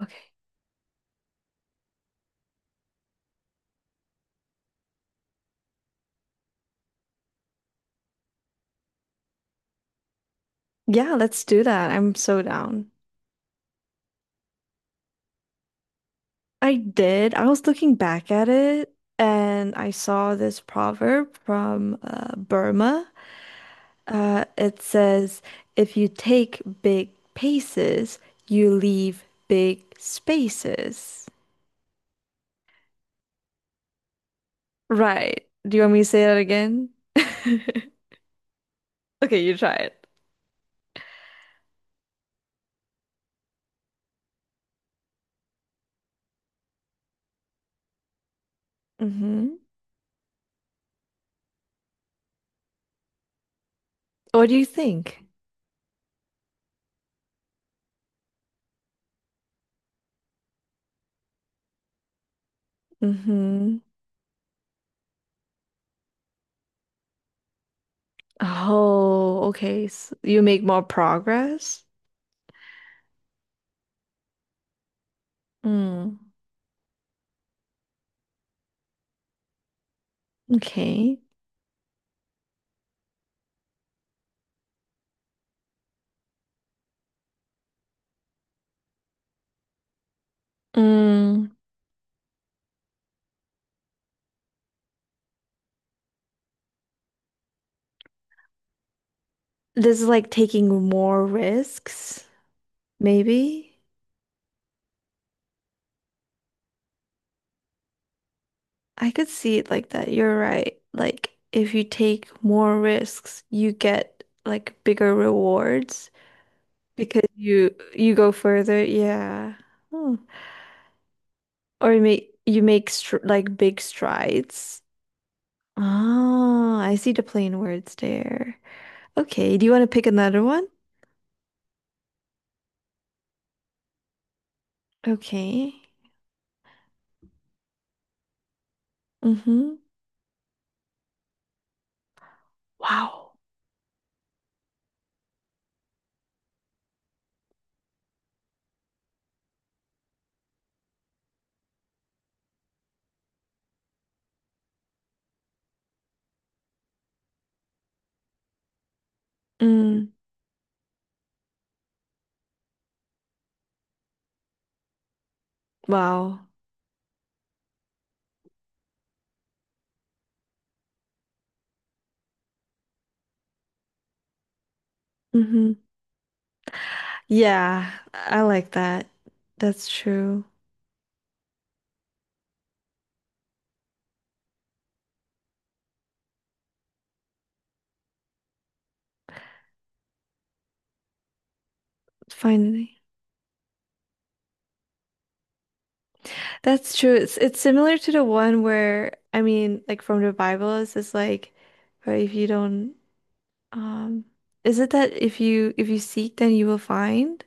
Okay. Yeah, let's do that. I'm so down. I did. I was looking back at it and I saw this proverb from Burma. It says, if you take big paces, you leave big spaces. Right. Do you want me to say that again? Okay, you try it. Mm-hmm. What do you think? Mm-hmm. Oh, okay. So you make more progress? Mm. Okay. Mm, this is like taking more risks, maybe. I could see it like that. You're right. Like if you take more risks, you get like bigger rewards because you go further. Yeah. Hmm. Or you make str like big strides. Oh, I see the plain words there. Okay, do you want to pick another one? Okay. Mm-hmm. Wow. Mm, wow. Mm-hmm. Yeah, I like that. That's true. Finally. That's true. It's similar to the one where I mean, like from the Bible, it's just like, or if you don't, um, is it that if you seek, then you will find,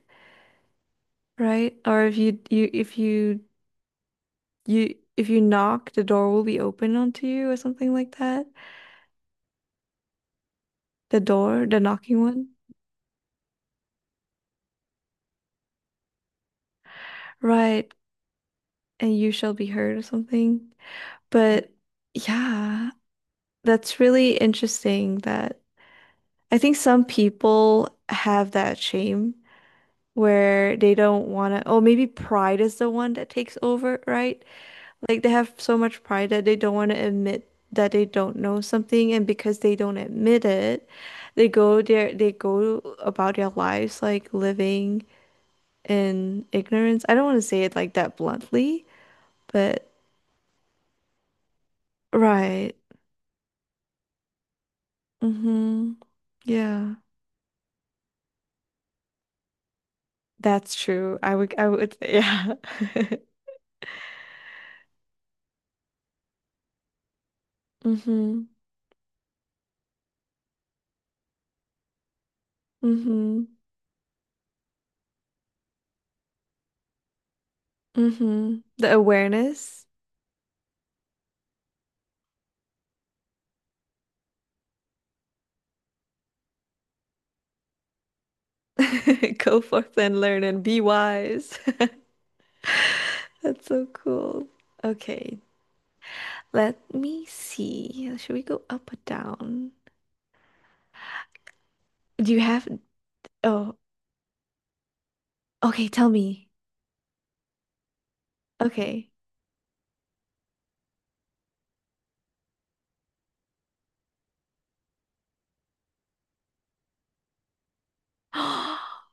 right? Or if you if you knock, the door will be open unto you, or something like that. The door, the knocking one, right? And you shall be heard, or something. But yeah, that's really interesting that. I think some people have that shame where they don't want to, oh, maybe pride is the one that takes over, right? Like they have so much pride that they don't want to admit that they don't know something, and because they don't admit it, they go about their lives like living in ignorance. I don't want to say it like that bluntly, but right. Mm-hmm. Yeah. That's true. I would yeah. Mm-hmm. Mm-hmm. The awareness. Go forth and learn and be wise. That's so cool. Okay, let me see. Should we go up or down? Do you have? Oh, okay, tell me. Okay.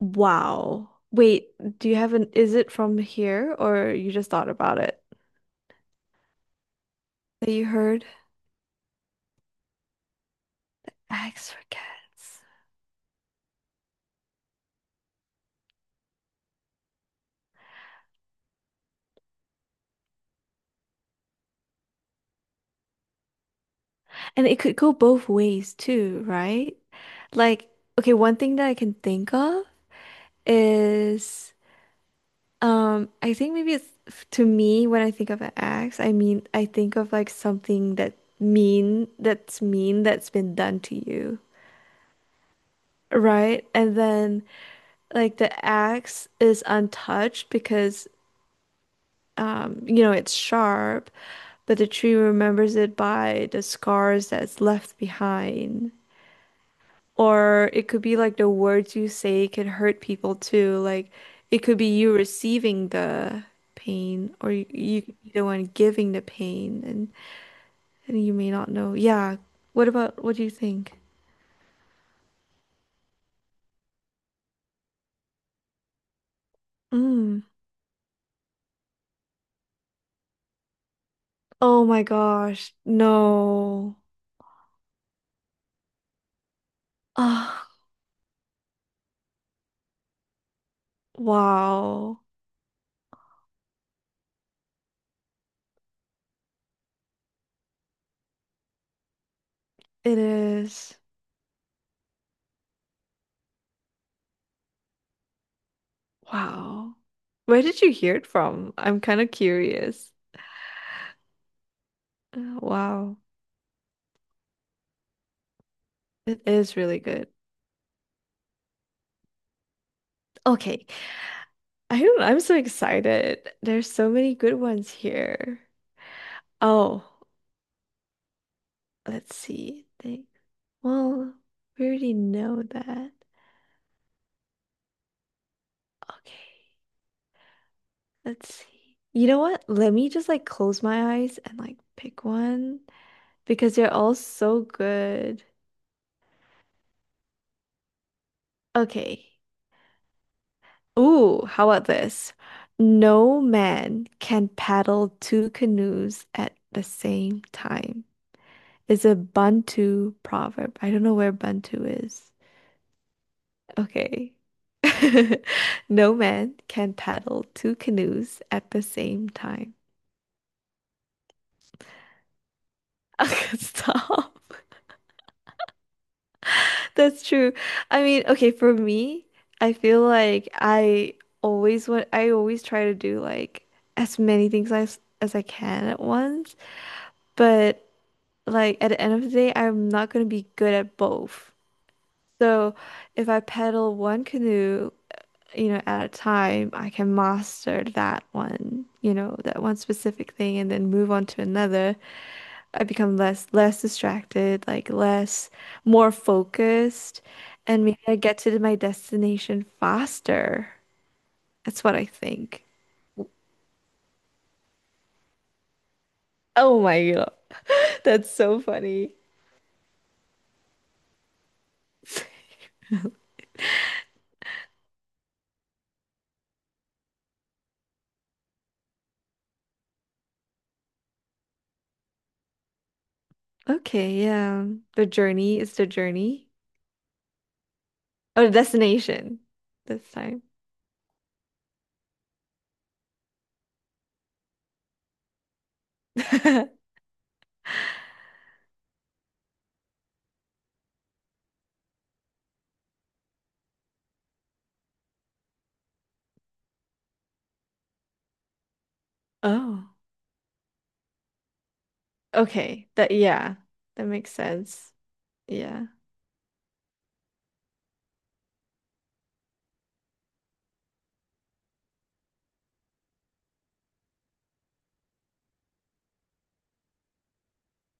Wow. Wait, do you have an, is it from here or you just thought about it? That you heard? X for cats. And it could go both ways too, right? Like, okay, one thing that I can think of is I think maybe it's to me. When I think of an axe, I mean I think of like something that mean that's been done to you, right? And then like the axe is untouched because you know it's sharp, but the tree remembers it by the scars that's left behind. Or it could be like the words you say could hurt people too. Like it could be you receiving the pain, or you could be the one giving the pain, and you may not know. Yeah. What about what do you think? Mm. Oh my gosh. No. Ah. Wow. It is. Wow. Where did you hear it from? I'm kind of curious. Wow. It is really good. Okay. I don't, I'm so excited. There's so many good ones here. Oh, let's see. Think. Well, we already know that. Okay, let's see. You know what? Let me just like close my eyes and like pick one because they're all so good. Okay. Ooh, how about this? No man can paddle two canoes at the same time. It's a Bantu proverb. I don't know where Bantu is. Okay. No man can paddle two canoes at the same time. Stop. That's true. I mean, okay, for me, I feel like I always want, I always try to do like as many things as I can at once. But like at the end of the day, I'm not gonna be good at both. So if I paddle one canoe, you know, at a time, I can master that one, you know, that one specific thing and then move on to another. I become less distracted, like less more focused, and maybe I get to my destination faster. That's what I think. Oh my God. That's so funny. Okay, yeah. The journey is the journey. Oh, the destination this time. Oh, okay. That yeah, that makes sense. Yeah.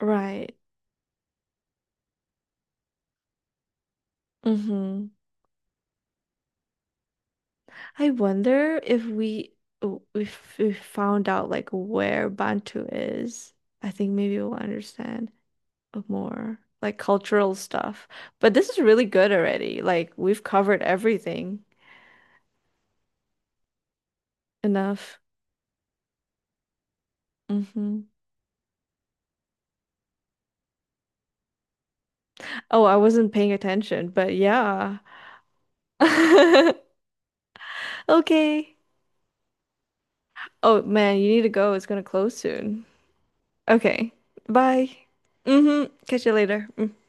Right. Mm-hmm. I wonder if if we found out like where Bantu is, I think maybe we'll understand more like cultural stuff. But this is really good already. Like we've covered everything enough. Mm-hmm. Oh, I wasn't paying attention, but yeah. Okay. Oh man, you need to go. It's gonna close soon. Okay. Bye. Mm-hmm. Catch you later. Mm-hmm.